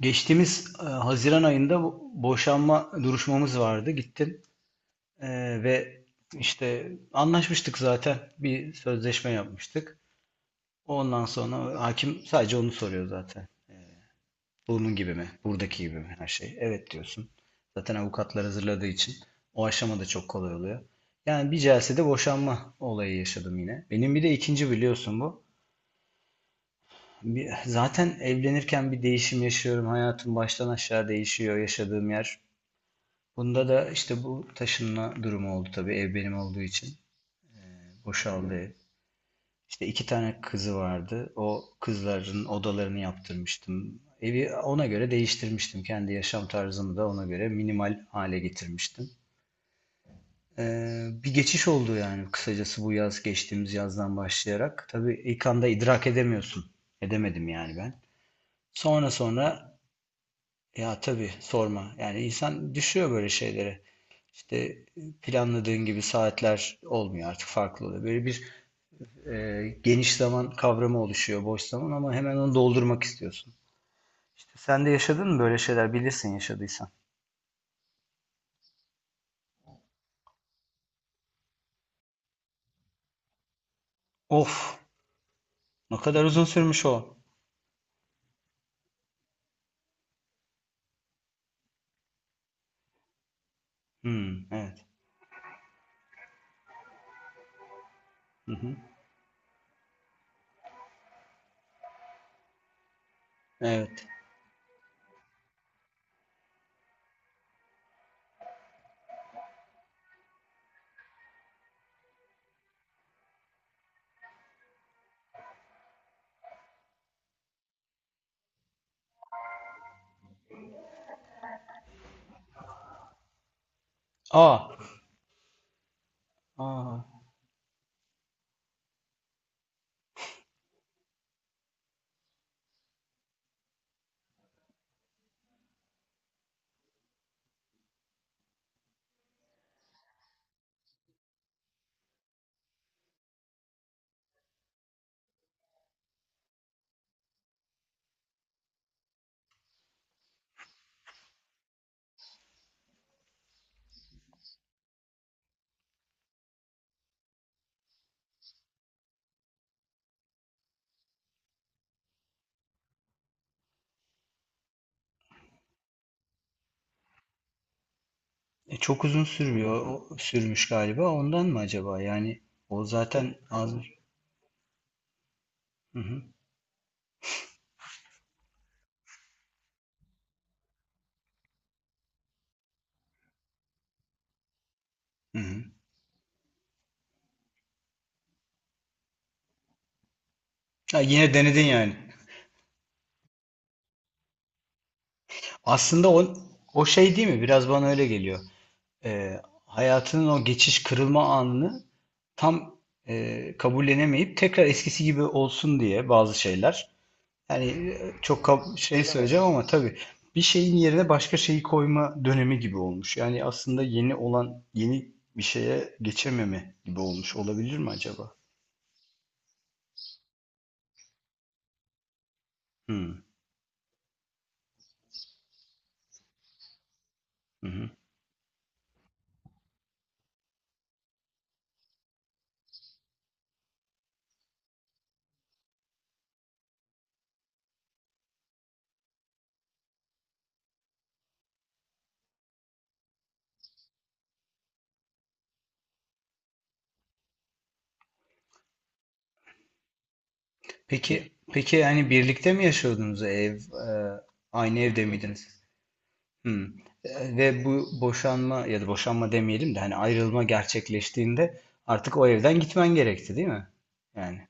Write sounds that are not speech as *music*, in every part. Geçtiğimiz, Haziran ayında boşanma duruşmamız vardı. Gittim E, ve işte anlaşmıştık zaten. Bir sözleşme yapmıştık. Ondan sonra hakim sadece onu soruyor zaten. Bunun gibi mi? Buradaki gibi mi? Her şey. Evet diyorsun. Zaten avukatlar hazırladığı için o aşama da çok kolay oluyor. Yani bir celsede boşanma olayı yaşadım yine. Benim bir de ikinci biliyorsun bu. Zaten evlenirken bir değişim yaşıyorum. Hayatım baştan aşağı değişiyor yaşadığım yer. Bunda da işte bu taşınma durumu oldu tabii ev benim olduğu için. Boşaldı ev. İşte iki tane kızı vardı. O kızların odalarını yaptırmıştım. Evi ona göre değiştirmiştim. Kendi yaşam tarzımı da ona göre minimal hale getirmiştim. Bir geçiş oldu yani kısacası bu yaz geçtiğimiz yazdan başlayarak. Tabii ilk anda idrak edemiyorsun. Edemedim yani ben. Sonra, ya tabii sorma. Yani insan düşüyor böyle şeylere. İşte planladığın gibi saatler olmuyor artık farklı oluyor. Böyle bir geniş zaman kavramı oluşuyor boş zaman ama hemen onu doldurmak istiyorsun. İşte sen de yaşadın mı böyle şeyler bilirsin yaşadıysan. Of, ne kadar uzun sürmüş o. Hmm, evet. Hı hı, evet. Aa, aa. E, çok uzun sürmüyor. O, sürmüş galiba. Ondan mı acaba? Yani o zaten az. Hı hı, hı hı. Ha, yine denedin yani. Aslında o, o şey değil mi? Biraz bana öyle geliyor. e, Hayatının o geçiş kırılma anını tam kabullenemeyip tekrar eskisi gibi olsun diye bazı şeyler. Yani çok şey söyleyeceğim ama tabii bir şeyin yerine başka şeyi koyma dönemi gibi olmuş. Yani aslında yeni olan yeni bir şeye geçememe gibi olmuş olabilir mi acaba? Hmm. Hı hı. Peki peki, yani birlikte mi yaşıyordunuz aynı evde miydiniz? Hımm. Ve bu boşanma ya da boşanma demeyelim de, hani, ayrılma gerçekleştiğinde artık o evden gitmen gerekti, değil mi? Yani.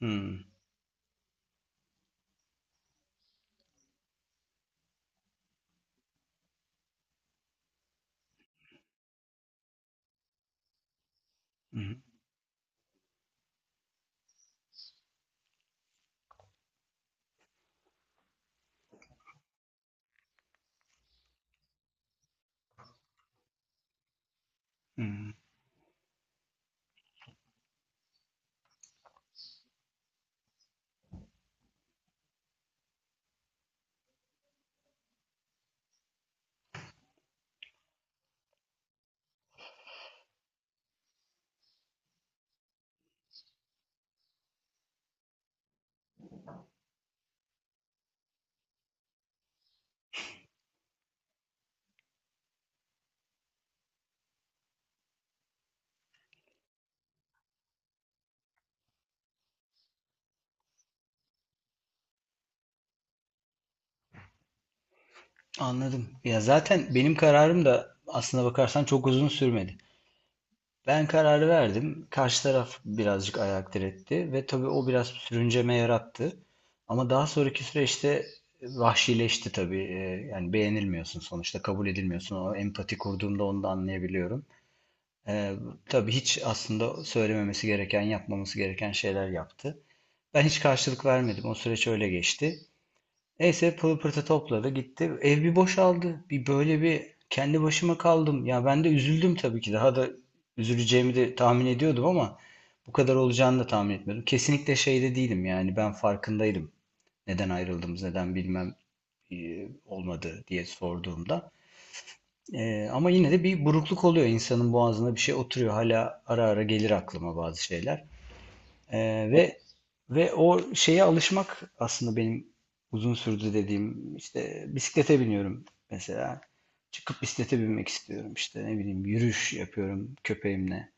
Hımm. Hı hı. Hımm. Anladım. Ya, zaten benim kararım da aslına bakarsan çok uzun sürmedi. Ben kararı verdim. Karşı taraf birazcık ayak diretti ve tabii o biraz sürünceme yarattı. Ama daha sonraki süreçte vahşileşti tabii. Yani beğenilmiyorsun sonuçta, kabul edilmiyorsun. O empati kurduğumda onu da anlayabiliyorum. Ee, tabii hiç aslında söylememesi gereken, yapmaması gereken şeyler yaptı. Ben hiç karşılık vermedim. O süreç öyle geçti. Neyse pılı pırtı topladı gitti. Ev bir boşaldı. Bir böyle bir kendi başıma kaldım. Ya ben de üzüldüm tabii ki. Daha da üzüleceğimi de tahmin ediyordum ama bu kadar olacağını da tahmin etmiyordum. Kesinlikle şeyde değilim yani ben farkındaydım. Neden ayrıldığımız, neden bilmem olmadı diye sorduğumda. Ama yine de bir burukluk oluyor. İnsanın boğazına bir şey oturuyor. Hala ara ara gelir aklıma bazı şeyler. Ee, ve ve o şeye alışmak aslında benim uzun sürdü dediğim işte bisiklete biniyorum mesela. Çıkıp bisiklete binmek istiyorum işte ne bileyim yürüyüş yapıyorum köpeğimle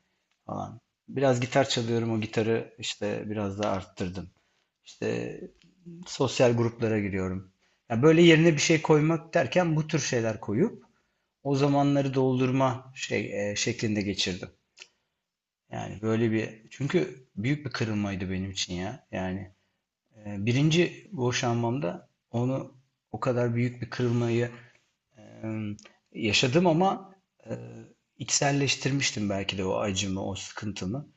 falan. Biraz gitar çalıyorum o gitarı işte biraz daha arttırdım. İşte sosyal gruplara giriyorum. Ya böyle yerine bir şey koymak derken bu tür şeyler koyup o zamanları doldurma şeklinde geçirdim. Yani böyle bir çünkü büyük bir kırılmaydı benim için ya. Yani birinci boşanmamda onu o kadar büyük bir kırılmayı e, yaşadım ama e, içselleştirmiştim belki de o acımı, o sıkıntımı.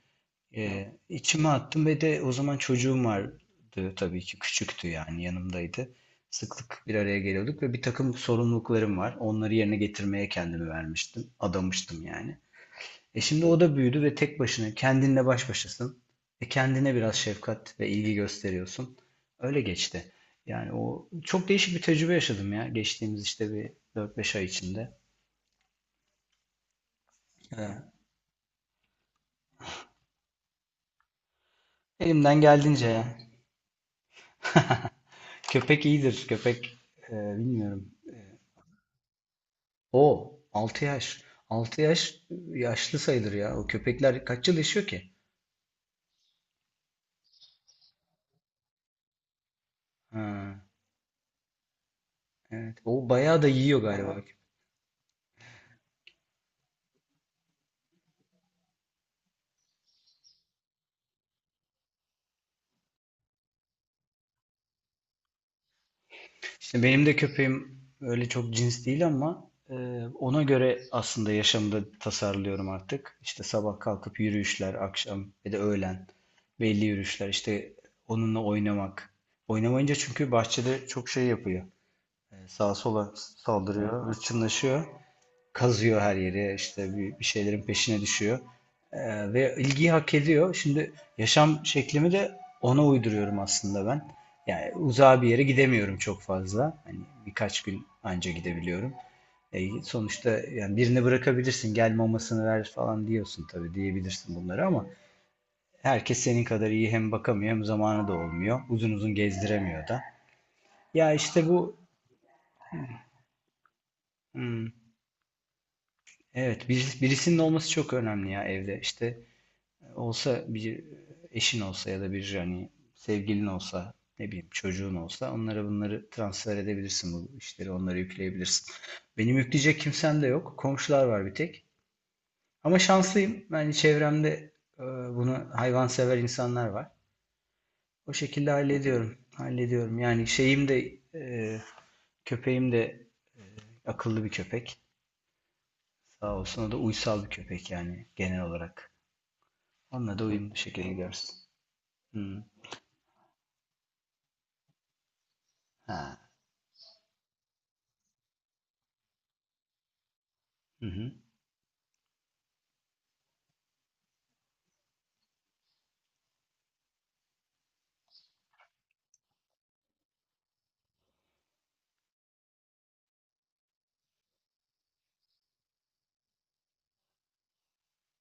İçime attım ve de o zaman çocuğum vardı tabii ki küçüktü yani yanımdaydı. Sıklık bir araya geliyorduk ve bir takım sorumluluklarım var. Onları yerine getirmeye kendimi vermiştim, adamıştım yani. E şimdi o da büyüdü ve tek başına kendinle baş başasın. E kendine biraz şefkat ve ilgi gösteriyorsun. Öyle geçti. Yani o çok değişik bir tecrübe yaşadım ya geçtiğimiz işte bir dört beş ay içinde. Ee, Elimden geldiğince ya. *laughs* Köpek iyidir. Köpek bilmiyorum. O 6 yaş. Altı yaş yaşlı sayılır ya. O köpekler kaç yıl yaşıyor ki? Ha, evet. O bayağı da yiyor galiba. İşte benim de köpeğim öyle çok cins değil ama ona göre aslında yaşamda tasarlıyorum artık. İşte sabah kalkıp yürüyüşler, akşam ya da öğlen belli yürüyüşler. İşte onunla oynamak. Oynamayınca çünkü bahçede çok şey yapıyor. Sağa sola saldırıyor, hırçınlaşıyor. Kazıyor her yeri, işte bir şeylerin peşine düşüyor. Ve ilgiyi hak ediyor. Şimdi yaşam şeklimi de ona uyduruyorum aslında ben. Yani uzağa bir yere gidemiyorum çok fazla. Hani birkaç gün anca gidebiliyorum. E, sonuçta yani birini bırakabilirsin, gel mamasını ver falan diyorsun tabii diyebilirsin bunları ama herkes senin kadar iyi hem bakamıyor hem zamanı da olmuyor. Uzun uzun gezdiremiyor da. Ya işte bu hmm. Evet, birisinin olması çok önemli ya evde. İşte olsa bir eşin olsa ya da bir hani sevgilin olsa, ne bileyim çocuğun olsa onlara bunları transfer edebilirsin bu işleri, onlara yükleyebilirsin. Benim yükleyecek kimsem de yok. Komşular var bir tek. Ama şanslıyım. Yani çevremde e, bunu hayvansever insanlar var. O şekilde hallediyorum. Hallediyorum. Yani şeyim de köpeğim de akıllı bir köpek. Sağ olsun o da uysal bir köpek yani genel olarak. Onunla da uyumlu şekilde gidersin. Hı. Ha. Hı hı.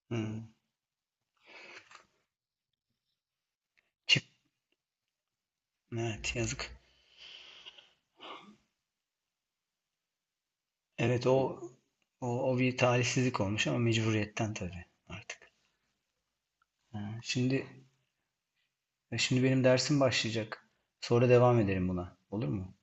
Hı. Çip. Evet, yazık. Evet o o, o bir talihsizlik olmuş ama mecburiyetten tabii artık. Ha. Şimdi şimdi benim dersim başlayacak. Sonra devam edelim buna. Olur mu?